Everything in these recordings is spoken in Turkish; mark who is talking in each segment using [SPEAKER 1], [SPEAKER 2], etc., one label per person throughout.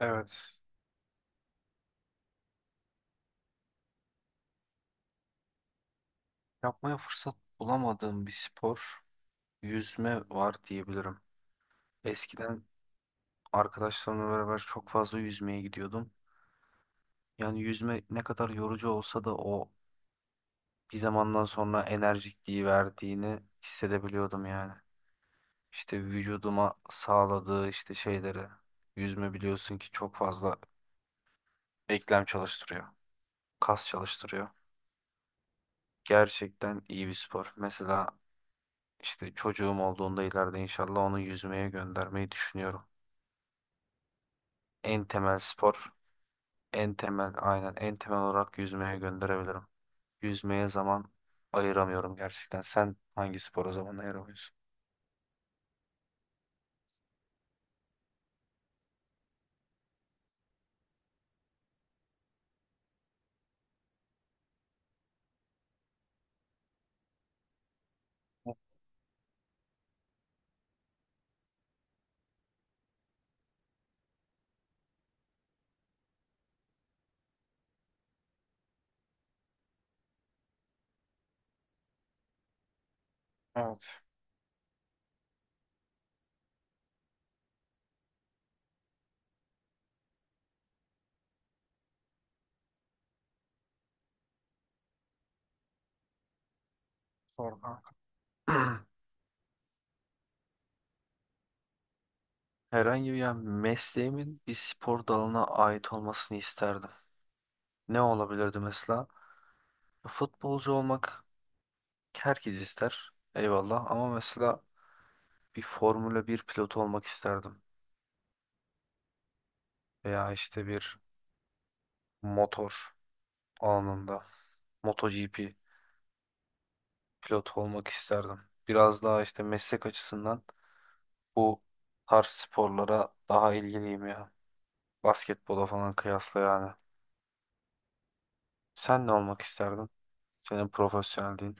[SPEAKER 1] Evet. Yapmaya fırsat bulamadığım bir spor yüzme var diyebilirim. Eskiden arkadaşlarımla beraber çok fazla yüzmeye gidiyordum. Yüzme ne kadar yorucu olsa da o bir zamandan sonra enerjikliği verdiğini hissedebiliyordum. İşte vücuduma sağladığı şeyleri. Yüzme biliyorsun ki çok fazla eklem çalıştırıyor. Kas çalıştırıyor. Gerçekten iyi bir spor. Mesela işte çocuğum olduğunda ileride inşallah onu yüzmeye göndermeyi düşünüyorum. En temel spor. En temel aynen en temel olarak yüzmeye gönderebilirim. Yüzmeye zaman ayıramıyorum gerçekten. Sen hangi spora zaman ayıramıyorsun? Evet, doğru kanka. Herhangi bir mesleğimin bir spor dalına ait olmasını isterdim. Ne olabilirdi mesela? Futbolcu olmak herkes ister. Eyvallah ama mesela bir Formula bir pilotu olmak isterdim. Veya işte bir motor alanında MotoGP. Pilot olmak isterdim. Biraz daha işte meslek açısından bu tarz sporlara daha ilgiliyim ya. Basketbola falan kıyasla yani. Sen ne olmak isterdin? Senin profesyonelliğin.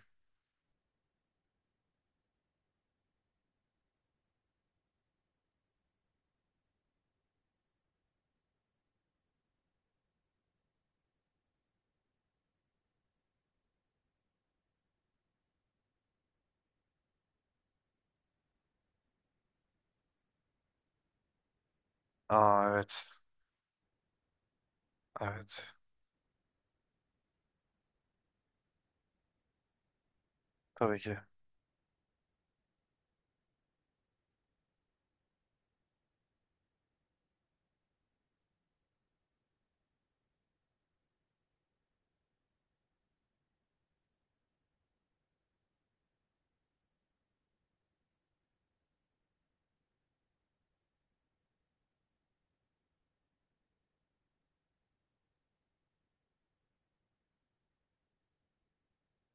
[SPEAKER 1] Aa evet. Evet. Tabii ki.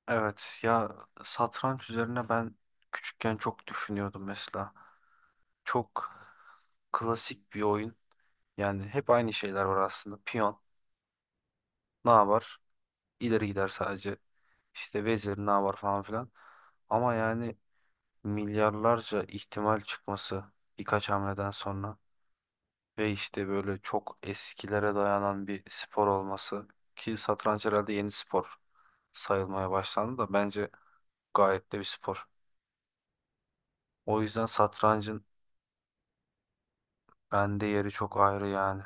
[SPEAKER 1] Evet ya, satranç üzerine ben küçükken çok düşünüyordum mesela. Çok klasik bir oyun. Yani hep aynı şeyler var aslında. Piyon ne yapar? İleri gider sadece. İşte vezir ne yapar falan filan. Ama yani milyarlarca ihtimal çıkması birkaç hamleden sonra ve işte böyle çok eskilere dayanan bir spor olması ki satranç herhalde yeni spor sayılmaya başlandı da bence gayet de bir spor. O yüzden satrancın bende yeri çok ayrı yani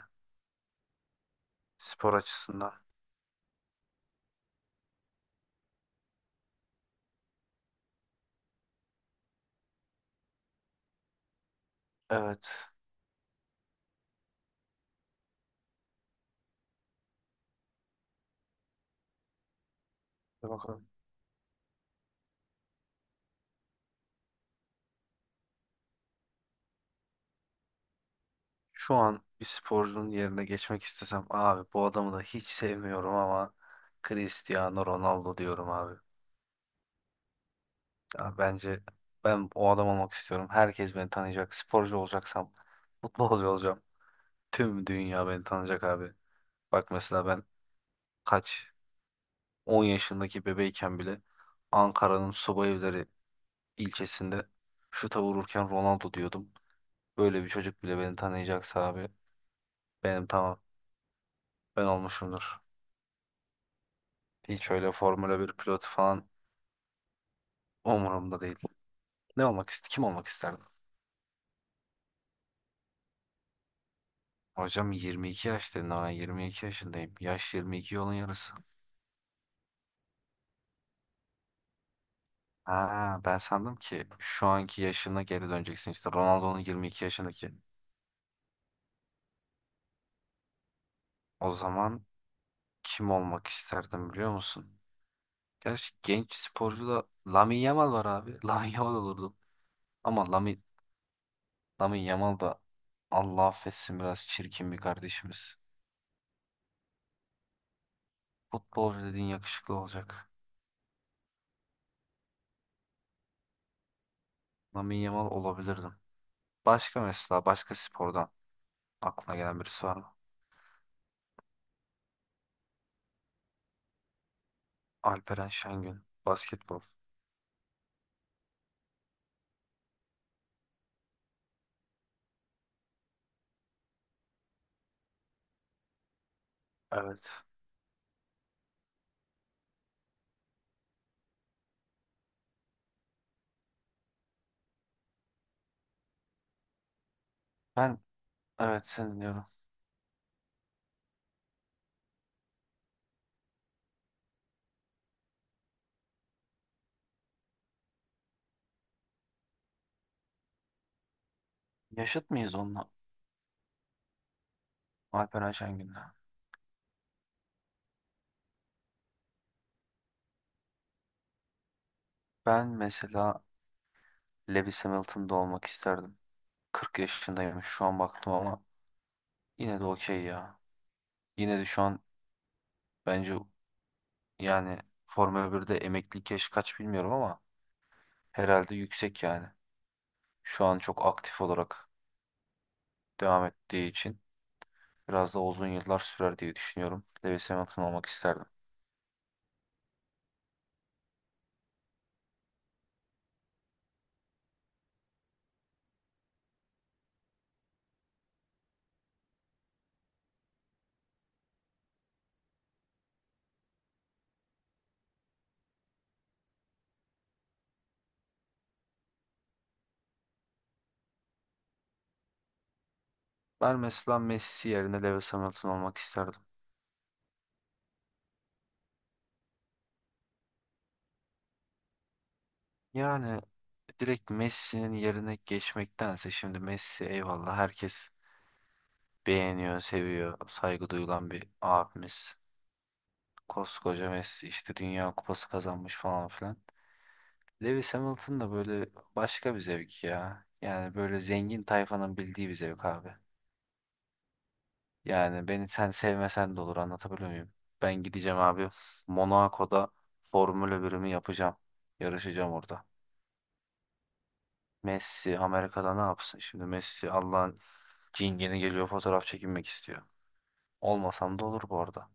[SPEAKER 1] spor açısından. Evet. Bir bakalım. Şu an bir sporcunun yerine geçmek istesem abi bu adamı da hiç sevmiyorum ama Cristiano Ronaldo diyorum abi. Ya bence ben o adam olmak istiyorum. Herkes beni tanıyacak. Sporcu olacaksam futbolcu olacağım. Tüm dünya beni tanıyacak abi. Bak mesela ben kaç 10 yaşındaki bebeyken bile Ankara'nın Subayevleri ilçesinde şuta vururken Ronaldo diyordum. Böyle bir çocuk bile beni tanıyacaksa abi benim tamam ben olmuşumdur. Hiç öyle Formula bir pilotu falan umurumda değil. Ne olmak ist Kim olmak isterdim? Hocam 22 yaş dedin ama ben 22 yaşındayım. Yaş 22 yolun yarısı. Ha, ben sandım ki şu anki yaşına geri döneceksin, işte Ronaldo'nun 22 yaşındaki. O zaman kim olmak isterdim biliyor musun? Gerçi genç sporcu da Lamine Yamal var abi. Lamine Yamal olurdum. Ama Lamine Yamal da Allah affetsin biraz çirkin bir kardeşimiz. Futbolcu dediğin yakışıklı olacak. Lamine Yamal olabilirdim. Başka mesela başka spordan aklına gelen birisi var mı? Alperen Şengün. Basketbol. Evet. Ben evet, seni dinliyorum. Yaşıt mıyız onunla? Alperen Şengün'le. Ben mesela Lewis Hamilton'da olmak isterdim. 40 yaşındayım şu an baktım ama yine de okey ya. Yine de şu an bence yani Formula 1'de emeklilik yaşı kaç bilmiyorum ama herhalde yüksek yani. Şu an çok aktif olarak devam ettiği için biraz da uzun yıllar sürer diye düşünüyorum. Lewis Hamilton olmak isterdim. Ben mesela Messi yerine Lewis Hamilton olmak isterdim. Yani Direkt Messi'nin yerine geçmektense şimdi Messi eyvallah herkes beğeniyor, seviyor, saygı duyulan bir abimiz. Koskoca Messi işte Dünya Kupası kazanmış falan filan. Lewis Hamilton da böyle başka bir zevk ya. Yani böyle zengin tayfanın bildiği bir zevk abi. Yani beni sen sevmesen de olur, anlatabiliyor muyum? Ben gideceğim abi Monaco'da Formula birimi yapacağım. Yarışacağım orada. Messi Amerika'da ne yapsın? Şimdi Messi Allah'ın cingeni geliyor fotoğraf çekinmek istiyor. Olmasam da olur bu arada.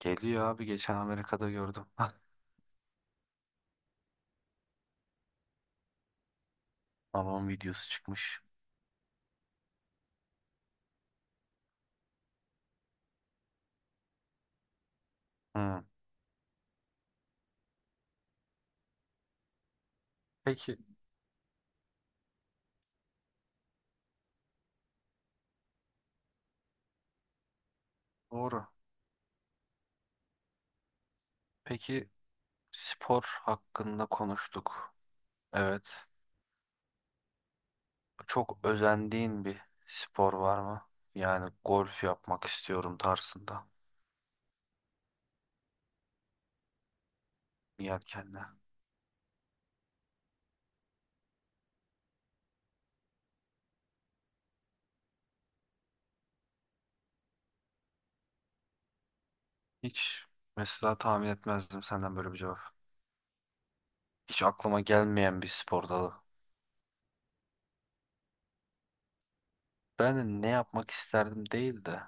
[SPEAKER 1] Geliyor abi geçen Amerika'da gördüm. Balon videosu çıkmış. Hı. Peki doğru. Peki spor hakkında konuştuk. Evet. Çok özendiğin bir spor var mı? Yani golf yapmak istiyorum tarzında. Yelkenle. Hiç mesela tahmin etmezdim senden böyle bir cevap. Hiç aklıma gelmeyen bir spor dalı. Ben de ne yapmak isterdim değil de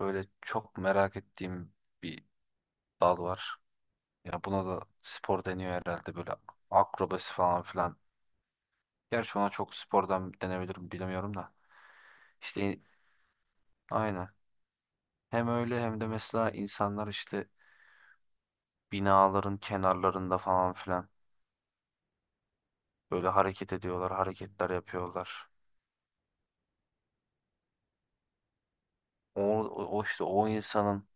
[SPEAKER 1] böyle çok merak ettiğim bir dal var. Ya buna da spor deniyor herhalde, böyle akrobasi falan filan. Gerçi ona çok spordan denebilirim bilemiyorum da. İşte aynen. Hem öyle hem de mesela insanlar işte binaların kenarlarında falan filan böyle hareket ediyorlar, hareketler yapıyorlar. O, O işte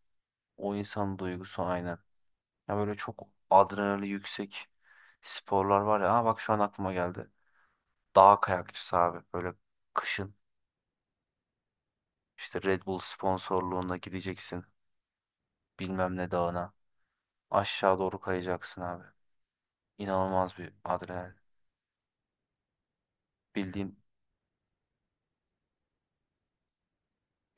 [SPEAKER 1] o insanın duygusu aynen. Ya böyle çok adrenali yüksek sporlar var ya. Ha bak şu an aklıma geldi. Dağ kayakçısı abi böyle kışın işte Red Bull sponsorluğunda gideceksin bilmem ne dağına. Aşağı doğru kayacaksın abi. İnanılmaz bir adrenalin. Bildiğin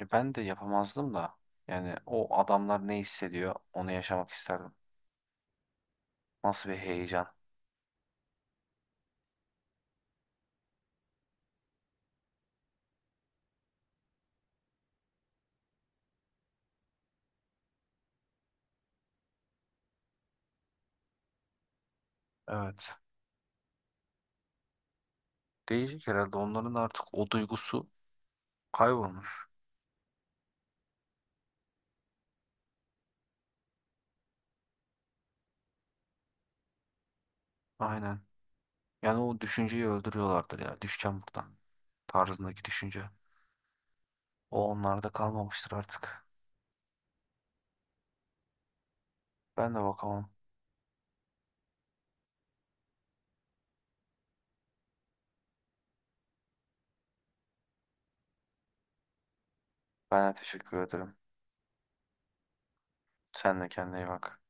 [SPEAKER 1] ben de yapamazdım da. Yani o adamlar ne hissediyor onu yaşamak isterdim. Nasıl bir heyecan. Evet. Değişik herhalde onların artık o duygusu kaybolmuş. Aynen. Yani o düşünceyi öldürüyorlardır ya. Düşeceğim buradan. Tarzındaki düşünce. O onlarda kalmamıştır artık. Ben de bakamam. Ben de teşekkür ederim. Sen de kendine iyi bak.